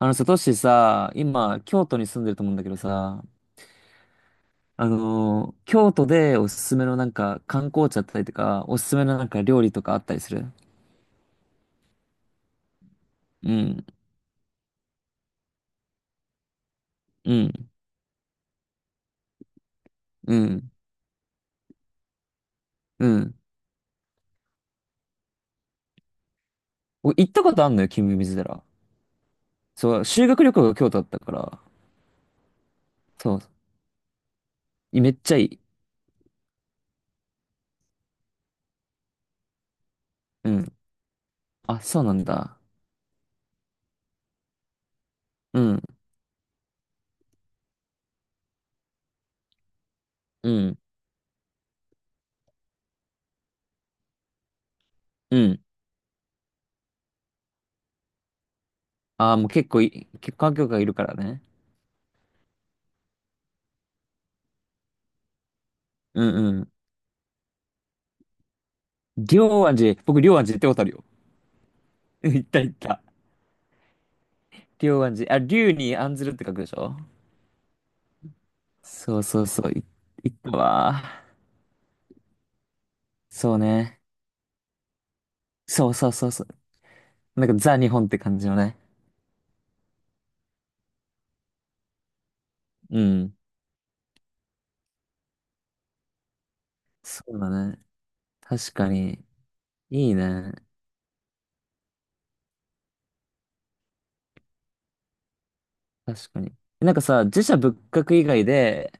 あのさ、トシさ、今、京都に住んでると思うんだけどさ、京都でおすすめのなんか観光地だったりとか、おすすめのなんか料理とかあったりする？うん、うん、うん、うん。お行ったことあんのよ、金目水寺。そう、修学旅行が京都だったから、そう、めっちゃいい。うん。あ、そうなんだ。うん、うん、うん。ああ、もう結構観光客がいるからね。うん、うん。龍安寺、僕龍安寺行ったことあるよ。うん行った行った。龍安寺、あ、龍に安ずるって書くでしょ？そうそうそう、行ったわ。そうね。そうそうそうそう。なんかザ日本って感じのね。うん。そうだね。確かに。いいね。確かに。なんかさ、自社仏閣以外で、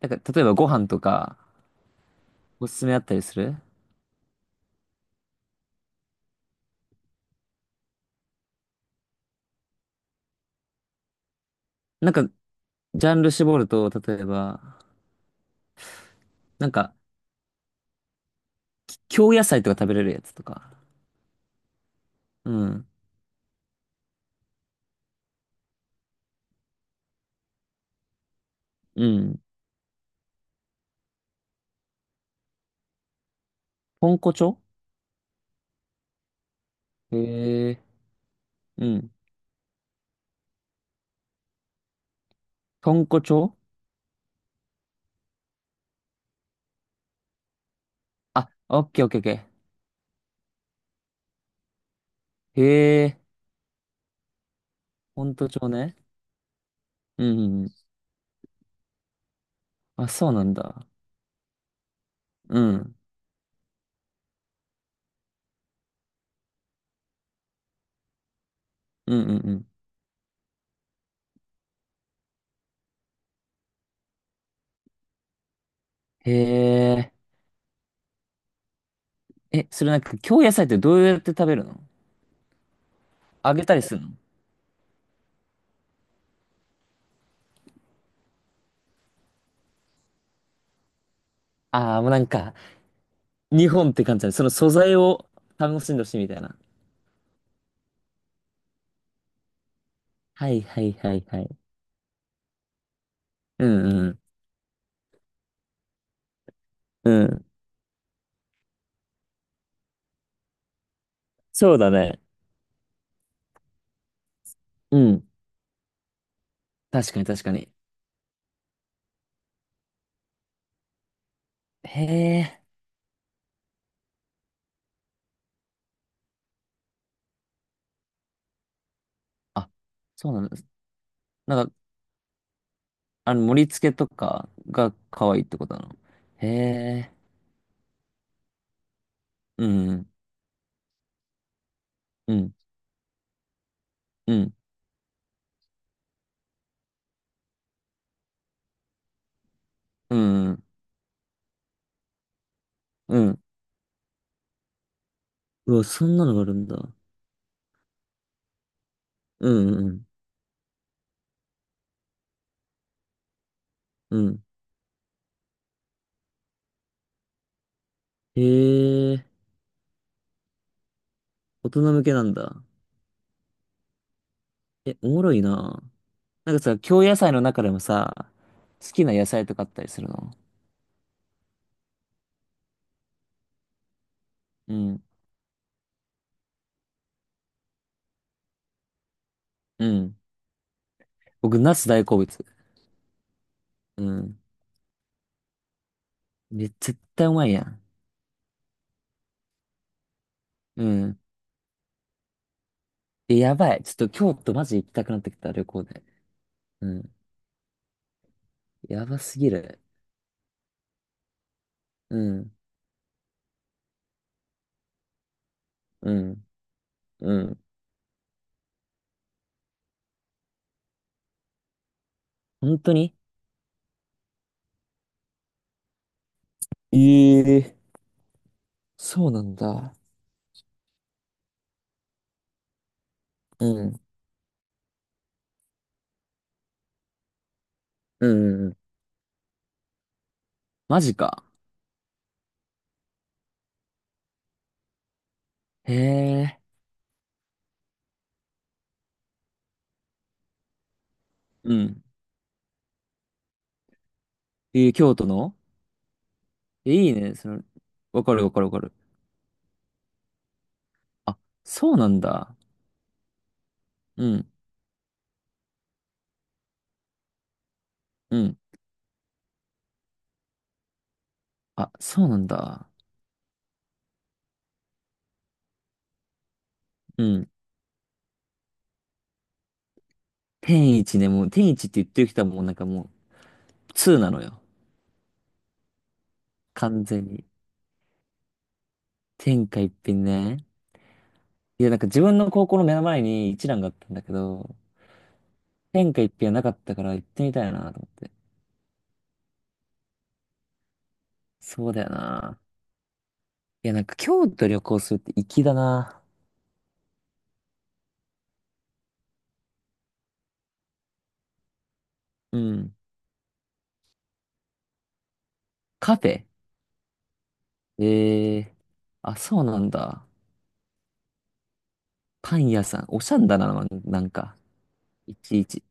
なんか例えばご飯とかおすすめあったりする？なんかジャンル絞ると、例えば、なんか京野菜とか食べれるやつとか。うん。うん。豚骨町？へえ。うん。豚骨町？あ、オッケーオッケーオッケー。へえ。豚骨町ね。うんうんうん。あ、そうなんだ。うん。うんうんうん。へえ。え、それなんか、京野菜ってどうやって食べるの？揚げたりするの？ああー、もうなんか、日本って感じだね。その素材を楽しんでほしいみたいな。はいはいはいはい。うんうん。うん。そうだね。うん。確かに確かに。へえ。あ、そうなんです。なんか、盛り付けとかが可愛いってことなの？へえ。うん。うんうん。うんうん。うん。うわ、そんなのがあるんだ。うんうんうん。うん。へえ、大人向けなんだ。え、おもろいな。なんかさ、京野菜の中でもさ、好きな野菜とかあったりするの？うん。うん。僕、ナス大好物。うん。絶対うまいやん。うん。え、やばい。ちょっと京都マジ行きたくなってきた、旅行で。うん。やばすぎる。うん。うん。うん。本当に？ええ、そうなんだ。うん。うんうんうん。マジか。へえ。うん。えー、京都の？いいね。わかるわかるわかる。あ、そうなんだ。うん、うん。あ、そうなんだ。うん。天一ね、もう、天一って言ってる人はもうなんかもう、通なのよ。完全に。天下一品ね。いや、なんか自分の高校の目の前に一蘭があったんだけど、天下一品はなかったから行ってみたいなと思って。そうだよな。いや、なんか京都旅行するって粋だな。うん。カフェ？ええー。あ、そうなんだ。パン屋さん。おしゃんだな、なんか。いちいち。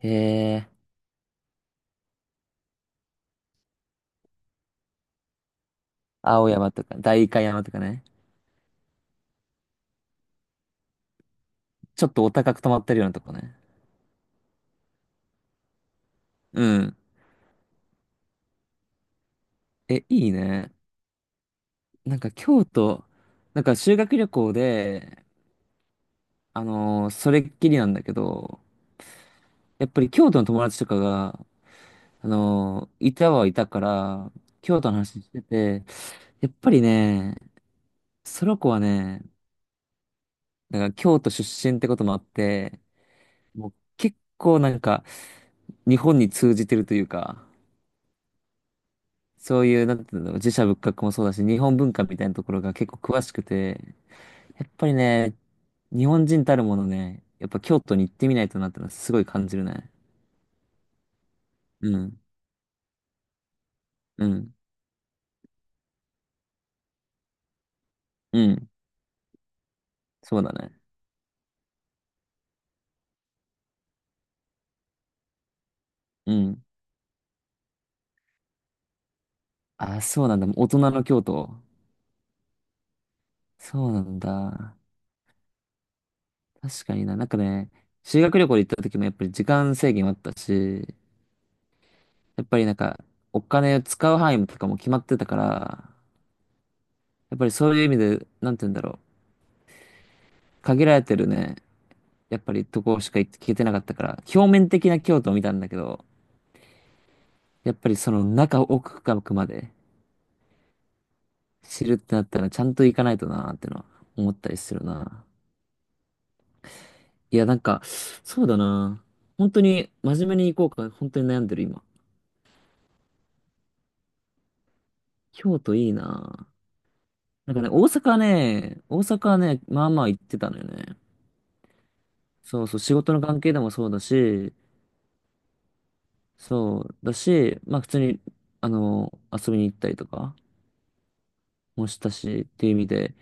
へえ、青山とか、代官山とかね。ちょっとお高く泊まってるようなとこね。うん。え、いいね。なんか京都、なんか修学旅行で、それっきりなんだけど、やっぱり京都の友達とかが、いたはいたから、京都の話してて、やっぱりね、その子はね、なんか京都出身ってこともあって、もう結構なんか、日本に通じてるというか、そういう、なんていうの、寺社仏閣もそうだし、日本文化みたいなところが結構詳しくて、やっぱりね、日本人たるものね、やっぱ京都に行ってみないとなってのはすごい感じるね。うん、うん、うん、そうだね。うん。あ、そうなんだ。大人の京都。そうなんだ。確かにな。なんかね、修学旅行で行った時もやっぱり時間制限はあったし、やっぱりなんか、お金を使う範囲とかも決まってたから、やっぱりそういう意味で、なんて言うんだろう。限られてるね、やっぱりとこしか行けてなかったから、表面的な京都を見たんだけど、やっぱりその中奥深くまで知るってなったらちゃんと行かないとなーってのは思ったりするな。いや、なんか、そうだな。本当に真面目に行こうか、本当に悩んでる今。京都いいな。なんかね、大阪ね、大阪はね、まあまあ行ってたのよね。そうそう、仕事の関係でもそうだし、そうだし、まあ普通に、遊びに行ったりとかもしたしっていう意味で、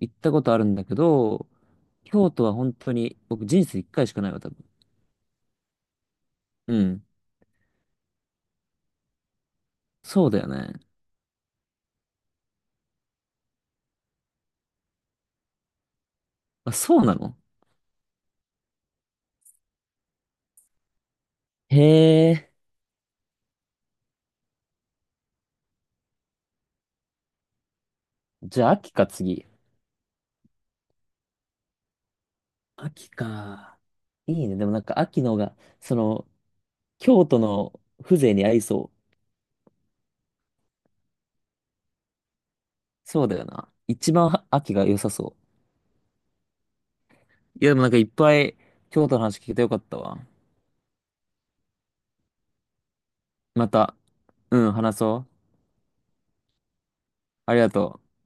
行ったことあるんだけど、京都は本当に、僕人生一回しかないわ、多分。うん。そうだよね。あ、そうなの？へえ。じゃあ、秋か、次。秋か。いいね。でもなんか、秋の方が、その、京都の風情に合いそう？そうだよな。一番は秋が良さそう。いや、でもなんかいっぱい京都の話聞けてよかったわ。また、うん、話そう。ありがとう。